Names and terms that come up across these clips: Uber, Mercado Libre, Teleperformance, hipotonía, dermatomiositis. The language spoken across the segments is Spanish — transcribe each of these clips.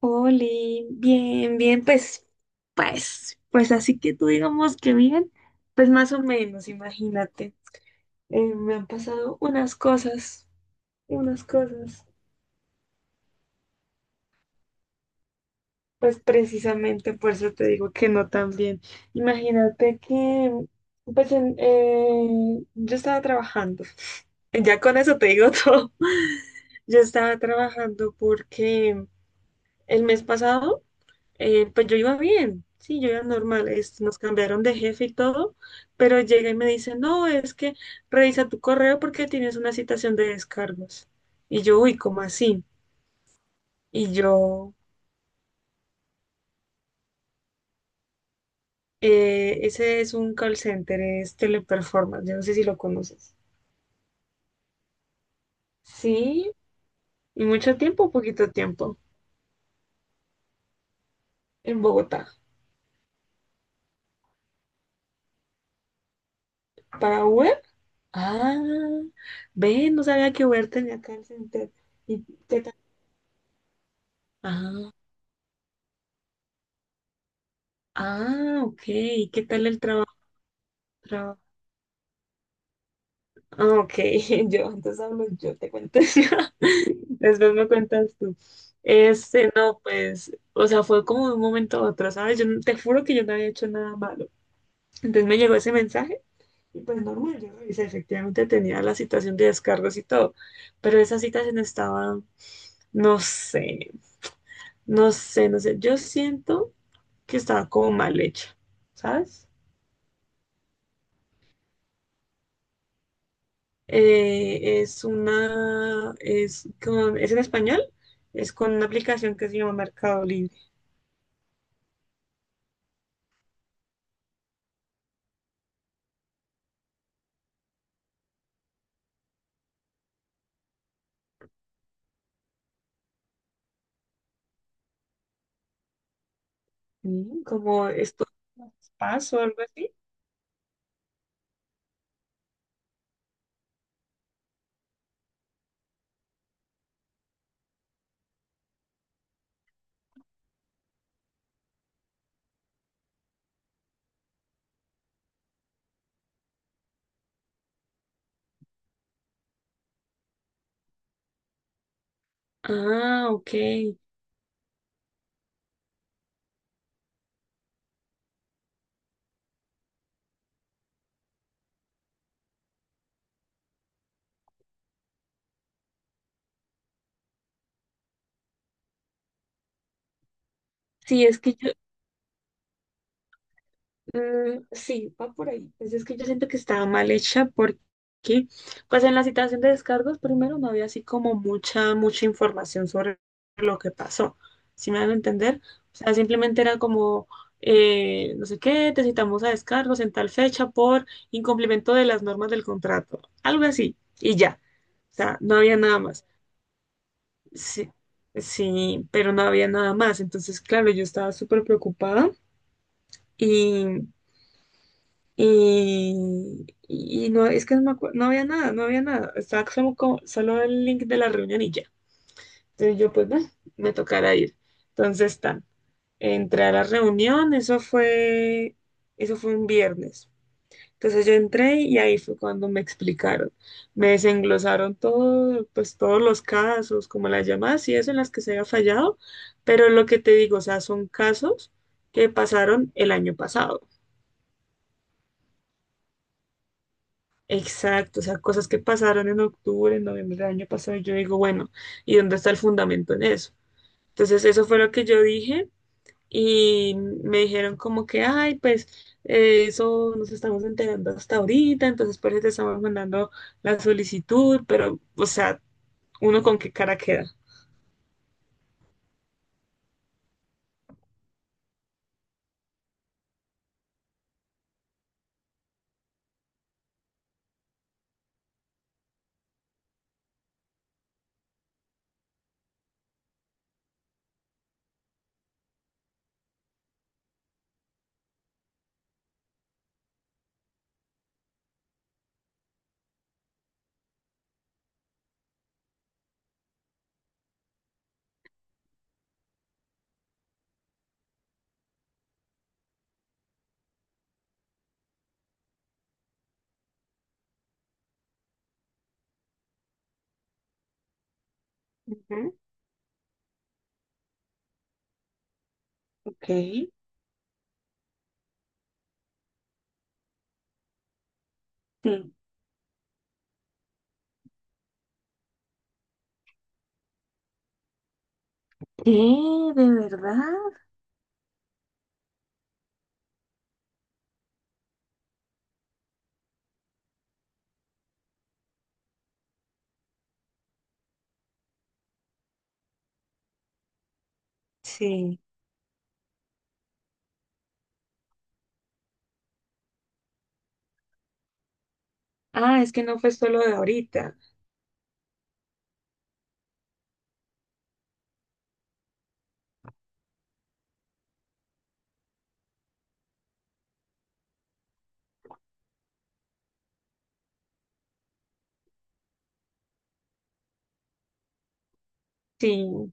Oli, bien, bien, pues así que tú digamos que bien, pues más o menos, imagínate. Me han pasado unas cosas, pues precisamente por eso te digo que no tan bien. Imagínate que, pues, yo estaba trabajando, ya con eso te digo todo. Yo estaba trabajando porque el mes pasado, pues yo iba bien, sí, yo iba normal, nos cambiaron de jefe y todo, pero llega y me dice, no, es que revisa tu correo porque tienes una citación de descargos. Y yo, uy, ¿cómo así? Y yo, ese es un call center, es Teleperformance, yo no sé si lo conoces. Sí, y mucho tiempo, poquito tiempo, en Bogotá, para Uber. Ah, ven, no sabía que Uber tenía call center. ¿Y qué tal? Ah, ah, ok, ¿y qué tal el trabajo? Traba- Ah, ok, yo antes hablo, yo te cuento. Después me cuentas tú. Este, no, pues, o sea, fue como de un momento a otro, ¿sabes? Yo no- Te juro que yo no había hecho nada malo. Entonces me llegó ese mensaje y pues normal, yo revisé, efectivamente tenía la citación de descargos y todo, pero esa citación estaba, no sé, no sé, no sé, yo siento que estaba como mal hecha, ¿sabes? Es una, es con, es en español, es con una aplicación que se llama Mercado Libre. Como esto, Paz o algo así. Ah, ok. Sí, es que yo, mm, sí, va por ahí. Pues es que yo siento que estaba mal hecha porque, pues en la citación de descargos primero no había así como mucha, mucha información sobre lo que pasó. ¿Si me van a entender? O sea, simplemente era como, no sé qué, te citamos a descargos en tal fecha por incumplimiento de las normas del contrato, algo así, y ya. O sea, no había nada más. Sí, sí, pero no había nada más. Entonces, claro, yo estaba súper preocupada. Y y no, es que no, me acuerdo no había nada, no había nada. Estaba solo, solo el link de la reunión y ya. Entonces yo, pues, bueno, me tocará ir. Entonces, tan, entré a la reunión, eso fue un viernes. Entonces yo entré y ahí fue cuando me explicaron. Me desenglosaron todo, pues, todos los casos, como las llamadas y eso en las que se había fallado. Pero lo que te digo, o sea, son casos que pasaron el año pasado. Exacto, o sea, cosas que pasaron en octubre, en noviembre del año pasado, y yo digo, bueno, ¿y dónde está el fundamento en eso? Entonces, eso fue lo que yo dije y me dijeron como que, ay, pues eso nos estamos enterando hasta ahorita, entonces por eso te estamos mandando la solicitud, pero, o sea, ¿uno con qué cara queda? Ujú. Ok. Sí. ¿Qué? ¿De verdad? Sí. Ah, es que no fue solo de ahorita. Sí.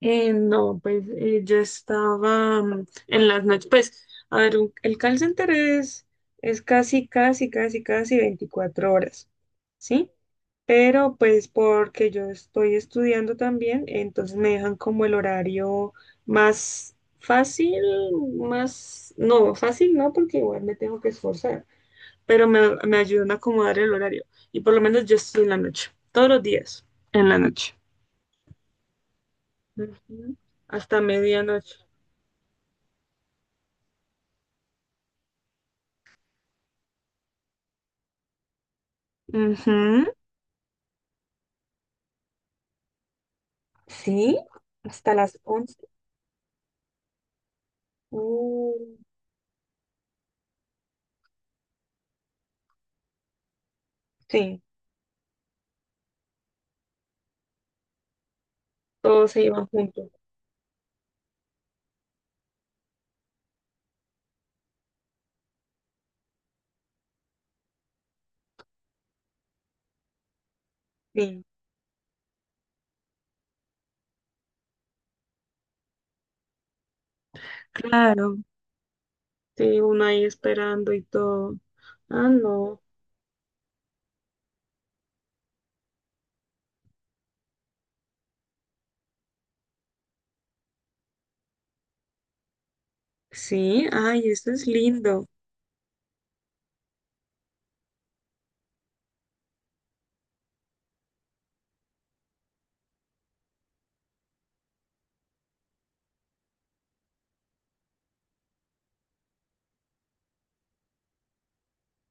No, pues yo estaba en las noches, pues, a ver, el call center es casi, casi, casi, casi 24 horas, ¿sí? Pero pues porque yo estoy estudiando también, entonces me dejan como el horario más fácil, más, no, fácil no, porque igual me tengo que esforzar, pero me ayudan a acomodar el horario. Y por lo menos yo estoy en la noche, todos los días, en la noche. Ujú. Hasta medianoche. Ujú. Sí, hasta las 11. Uh, sí, todos se iban juntos. Sí, claro. Sí, uno ahí esperando y todo. Ah, no. Sí, ay, eso es lindo.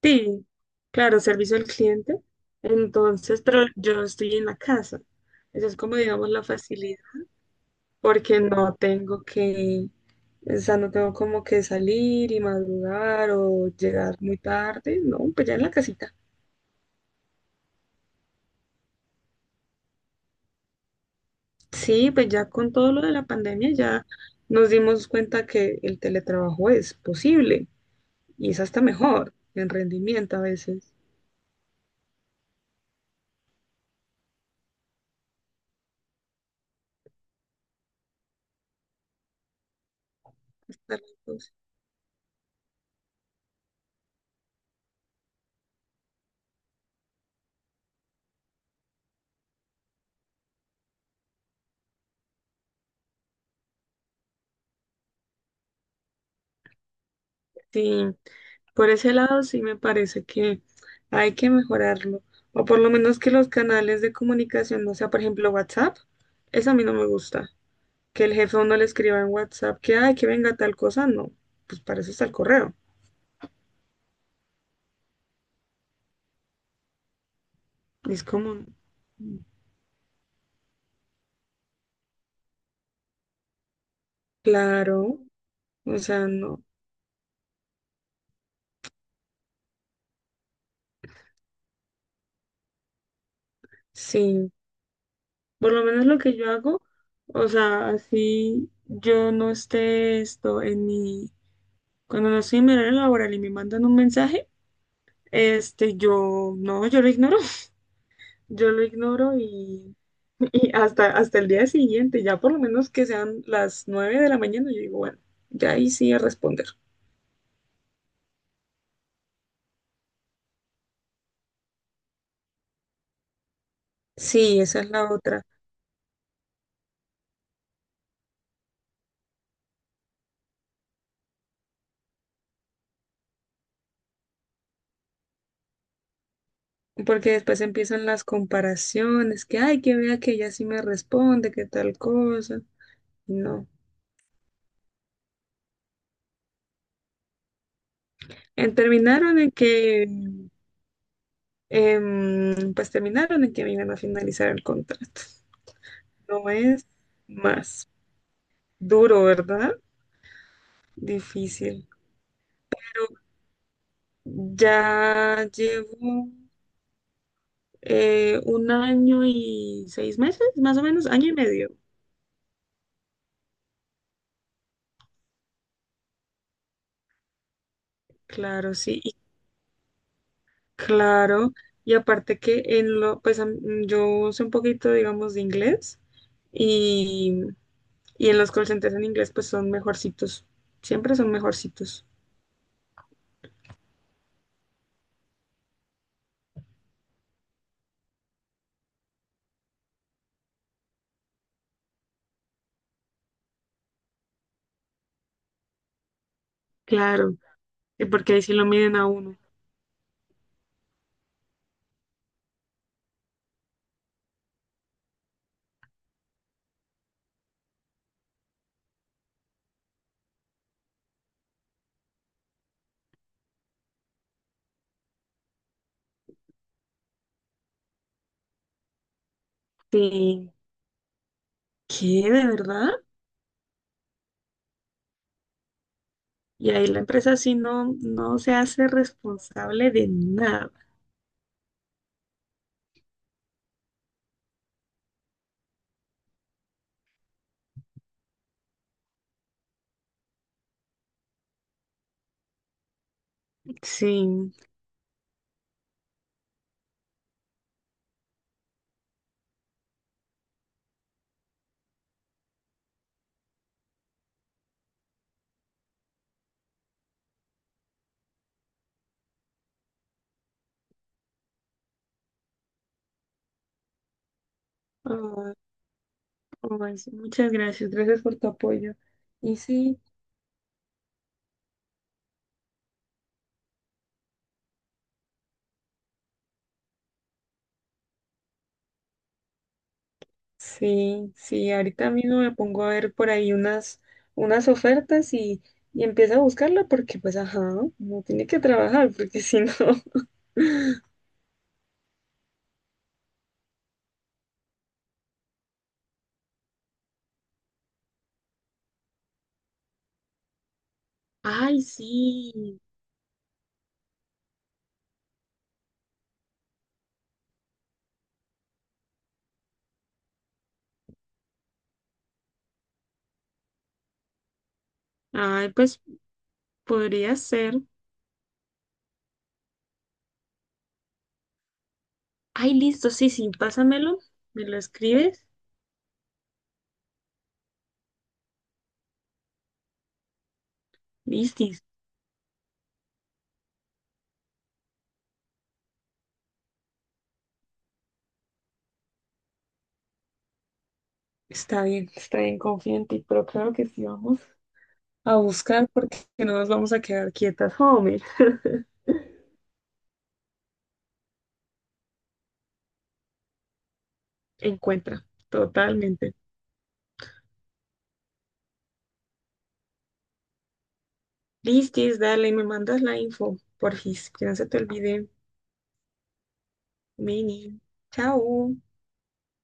Sí, claro, servicio al cliente. Entonces, pero yo estoy en la casa. Eso es como, digamos, la facilidad, porque no tengo que, o sea, no tengo como que salir y madrugar o llegar muy tarde. No, pues ya en la casita. Sí, pues ya con todo lo de la pandemia ya nos dimos cuenta que el teletrabajo es posible y es hasta mejor en rendimiento a veces. Hasta las 2. Sí, por ese lado sí me parece que hay que mejorarlo o por lo menos que los canales de comunicación, no sea, por ejemplo, WhatsApp, eso a mí no me gusta. Que el jefe a uno le escriba en WhatsApp que, ay, que venga tal cosa, no, pues para eso está el correo. Es como, claro, o sea, no. Sí, por lo menos lo que yo hago, o sea, así yo no esté esto en mi, cuando no estoy en mi horario laboral y me mandan un mensaje, este, yo, no, yo lo ignoro, yo lo ignoro y, y hasta, hasta el día siguiente, ya por lo menos que sean las 9 de la mañana, yo digo, bueno, ya ahí sí a responder. Sí, esa es la otra, porque después empiezan las comparaciones, que, ay, que vea que ella sí me responde, que tal cosa, no. En terminaron en que, pues terminaron en que me iban a finalizar el contrato. No es más duro, ¿verdad? Difícil. Ya llevo un año y 6 meses, más o menos, año y medio. Claro, sí, y claro. Y aparte que en lo, pues yo sé un poquito, digamos, de inglés y, y en los call centers en inglés pues son mejorcitos. Siempre son mejorcitos. Claro, porque ahí sí lo miden a uno. Sí, ¿qué? ¿De verdad? Y ahí la empresa sí no, no se hace responsable de nada. Sí. Ah, ay, sí, muchas gracias, gracias por tu apoyo. Y sí, sí, sí, ahorita mismo me pongo a ver por ahí unas ofertas y empiezo a buscarla porque pues ajá, no tiene que trabajar porque si no. Ay, sí. Ay, pues podría ser. Ay, listo, sí, sí, pásamelo, me lo escribes. Listo. Está bien, confío en ti, pero claro que sí vamos a buscar porque no nos vamos a quedar quietas, hombre. Encuentra, totalmente. Listis, dale, me mandas la info, porfis, que no se te olvide. Mini, chao.